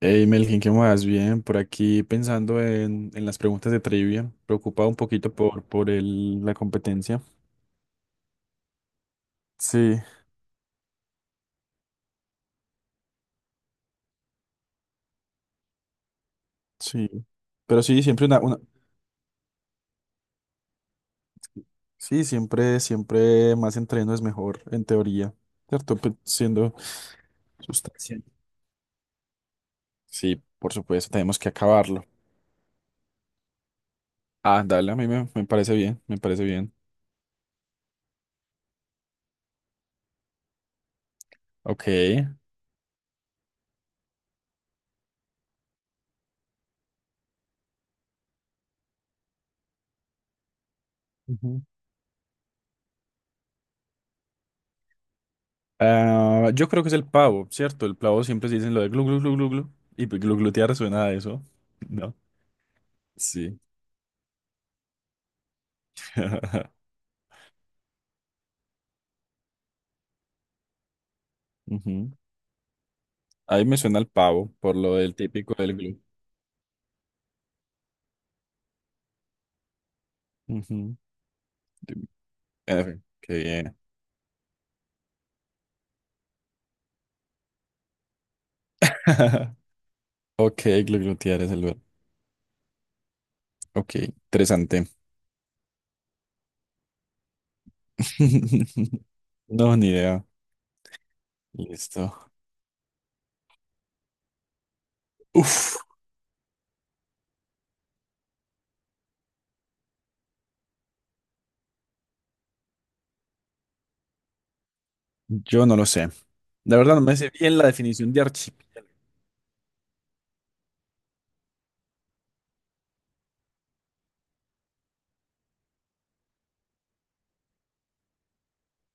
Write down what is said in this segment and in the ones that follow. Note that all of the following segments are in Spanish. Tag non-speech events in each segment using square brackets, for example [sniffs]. Hey Melkin, ¿qué más? Bien, por aquí pensando en las preguntas de trivia, preocupado un poquito por el- la competencia. Sí, sí. Pero sí, siempre una- sí, siempre, siempre más entreno es mejor, en teoría, ¿cierto? Pe- siendo sustancia. Sí, por supuesto, tenemos que acabarlo. Ah, dale, a mí me parece bien, me parece bien. Ok. Ujú. Ah, yo creo que es el pavo, ¿cierto? El pavo siempre se dicen lo de glu glu glu glu glu. Y pues, glu glutear suena a eso. No. Sí. [laughs] Ujú. Ahí me suena el pavo por lo del típico del glu. Ujú. En fin, qué bien. [laughs] Ok, gluglutear es el verbo. Ok, interesante. [laughs] No, ni idea. Listo. Uf, yo no lo sé. La verdad no me sé bien la definición de archipiélago.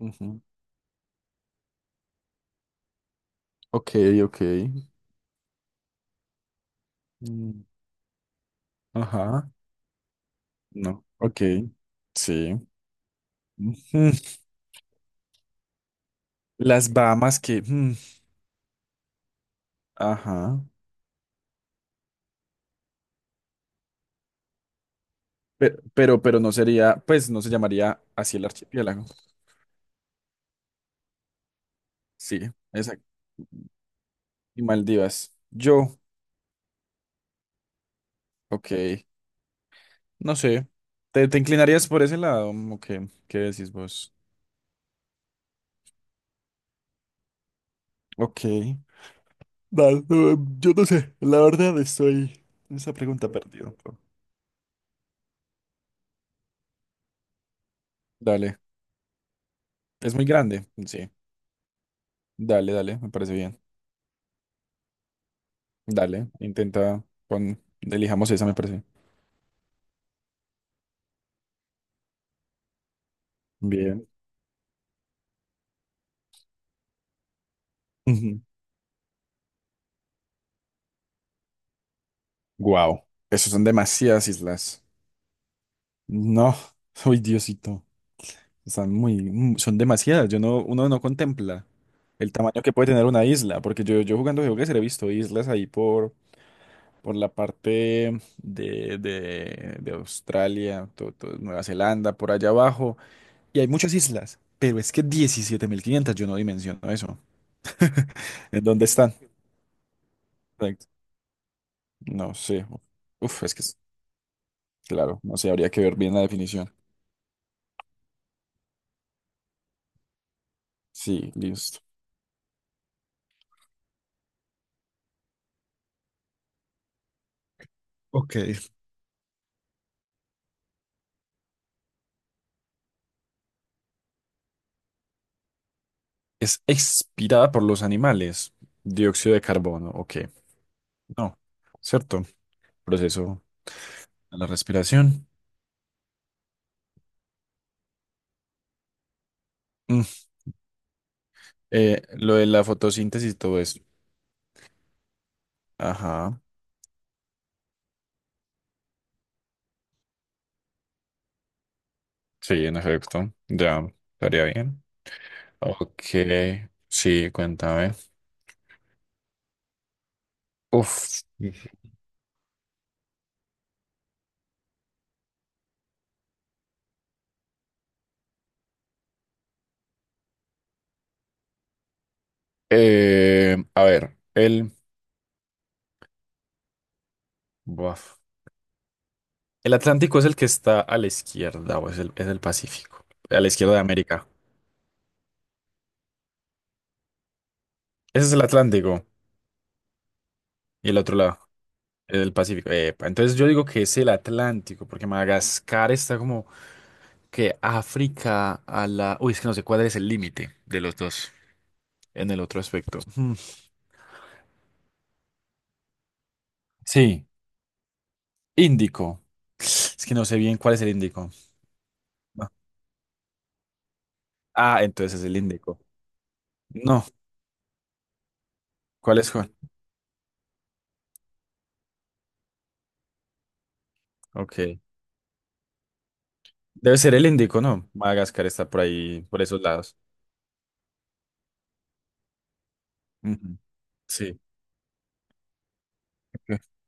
Ujú. Ok, ok. Mm, ajá. No. Ok. Sí. Ujú. Las Bahamas que... ajá. Pero no sería, pues no se llamaría así el archipiélago. Sí, exacto. Y Maldivas. Yo, ok, no sé. ¿Te inclinarías por ese lado? Ok, ¿qué decís vos? Ok. Nah, no, yo no sé, la verdad estoy en esa pregunta perdido. Pero- dale. ¿Es muy grande? Sí. Dale, dale, me parece bien. Dale, intenta pon, elijamos esa, me parece. Bien. Wow. Esos [laughs] son demasiadas islas. No. Uy, Diosito. Están muy, son demasiadas. Yo no, uno no contempla el tamaño que puede tener una isla, porque yo jugando geoguessr he visto islas ahí por la parte de Australia, to- to- Nueva Zelanda, por allá abajo, y hay muchas islas, pero es que 17.500, yo no dimensiono eso. [laughs] ¿En dónde están? Exacto. No sé. Uf, es que es, claro, no sé, habría que ver bien la definición. Sí, listo. Ok. Es expirada por los animales. Dióxido de carbono, ok. No, ¿cierto? Proceso a la respiración. Mm, lo de la fotosíntesis y todo eso. Ajá. Sí, en efecto. Ya, estaría bien. Ok, sí, cuéntame. Uf. A ver, buaf. El Atlántico es el que está a la izquierda o es es el Pacífico. A la izquierda de América. Ese es el Atlántico. Y el otro lado, el Pacífico. Epa, entonces yo digo que es el Atlántico, porque Madagascar está como que África a la... Uy, es que no sé cuál es el límite de los dos en el otro aspecto. Sí, Índico. Es que no sé bien cuál es el Índico. No. Ah, entonces es el Índico. No, ¿cuál es cuál? Ok, debe ser el Índico, ¿no? Madagascar está por ahí, por esos lados. Ujú. Sí. [laughs] Ok.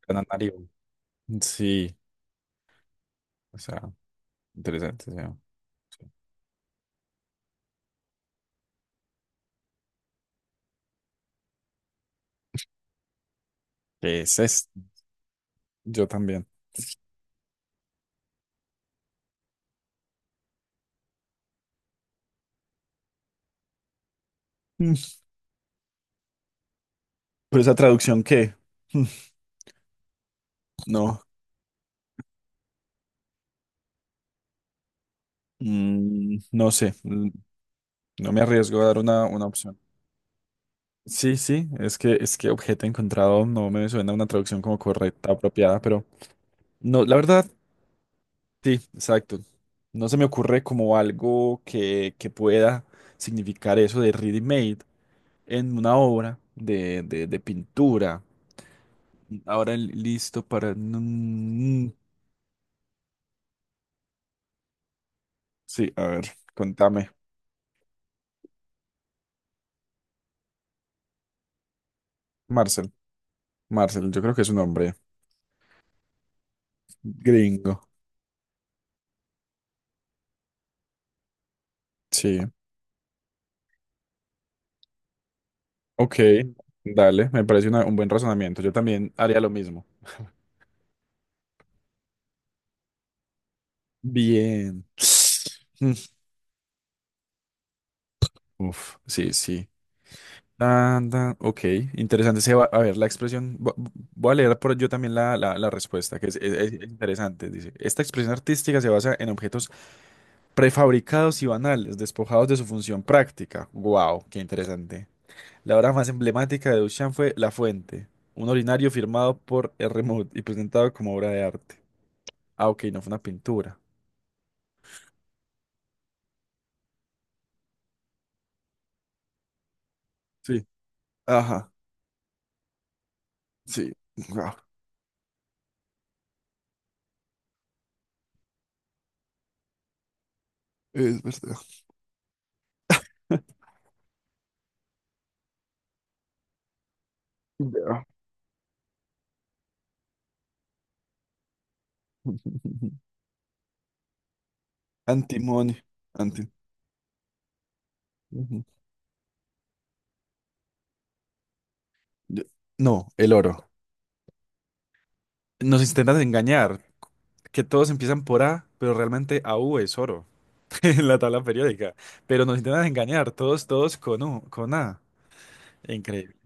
Canario. Sí, o sea, interesante. O sea, sí. ¿Qué es esto? Yo también. Mm, ¿Pero esa traducción qué? [laughs] Mm, no, no sé. No me arriesgo a dar una opción. Sí, sí, es que objeto encontrado no me suena una traducción como correcta, apropiada, pero no, la verdad, sí, exacto. No se me ocurre como algo que pueda significar eso de ready-made en una obra de pintura. Ahora li- listo para... sí, a ver, contame. Marcel, Marcel, yo creo que es un hombre gringo. Sí, ok, dale, me parece una- un buen razonamiento. Yo también haría lo mismo. Bien. [sniffs] Mm, uf, sí, sí. Tan, tan, ok, interesante. Se va, a ver, la expresión, vo- voy a leer por yo también la respuesta, que es interesante. Dice, esta expresión artística se basa en objetos prefabricados y banales, despojados de su función práctica. Wow, qué interesante. La obra más emblemática de Duchamp fue La Fuente, un ordinario firmado por R. Mood y presentado como obra de arte. Ah, ok, no fue una pintura. Sí. Ajá, sí. Wow, es verdad. [laughs] [laughs] Antimonio. Anti. Ujú. Yo- no, el oro. Nos intentan engañar, que todos empiezan por A, pero realmente A U es oro [laughs] en la tabla periódica. Pero nos intentan engañar, todos, todos con U, con A. Increíble.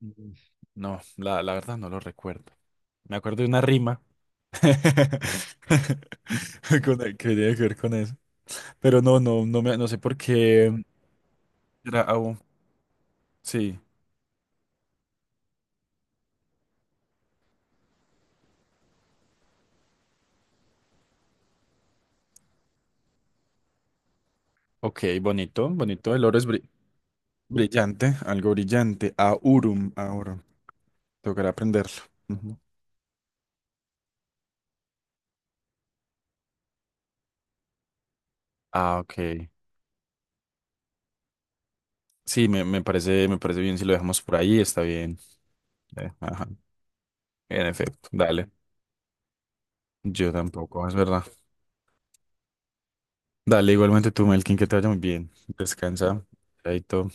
Mm. No, la verdad no lo recuerdo. Me acuerdo de una rima [laughs] con el- que tiene que ver con eso. Pero no, no, no, me, no sé por qué era A U. Sí. Ok, bonito, bonito. El oro es, bri- brillante, algo brillante. Aurum, ahora. Tocará aprenderlo. Ujú. Ah, ok. Sí, me, me parece bien si lo dejamos por ahí, está bien. Ajá. En efecto, dale. Yo tampoco, es verdad. Dale, igualmente tú, Melkin, que te vaya muy bien. Descansa. Chaito.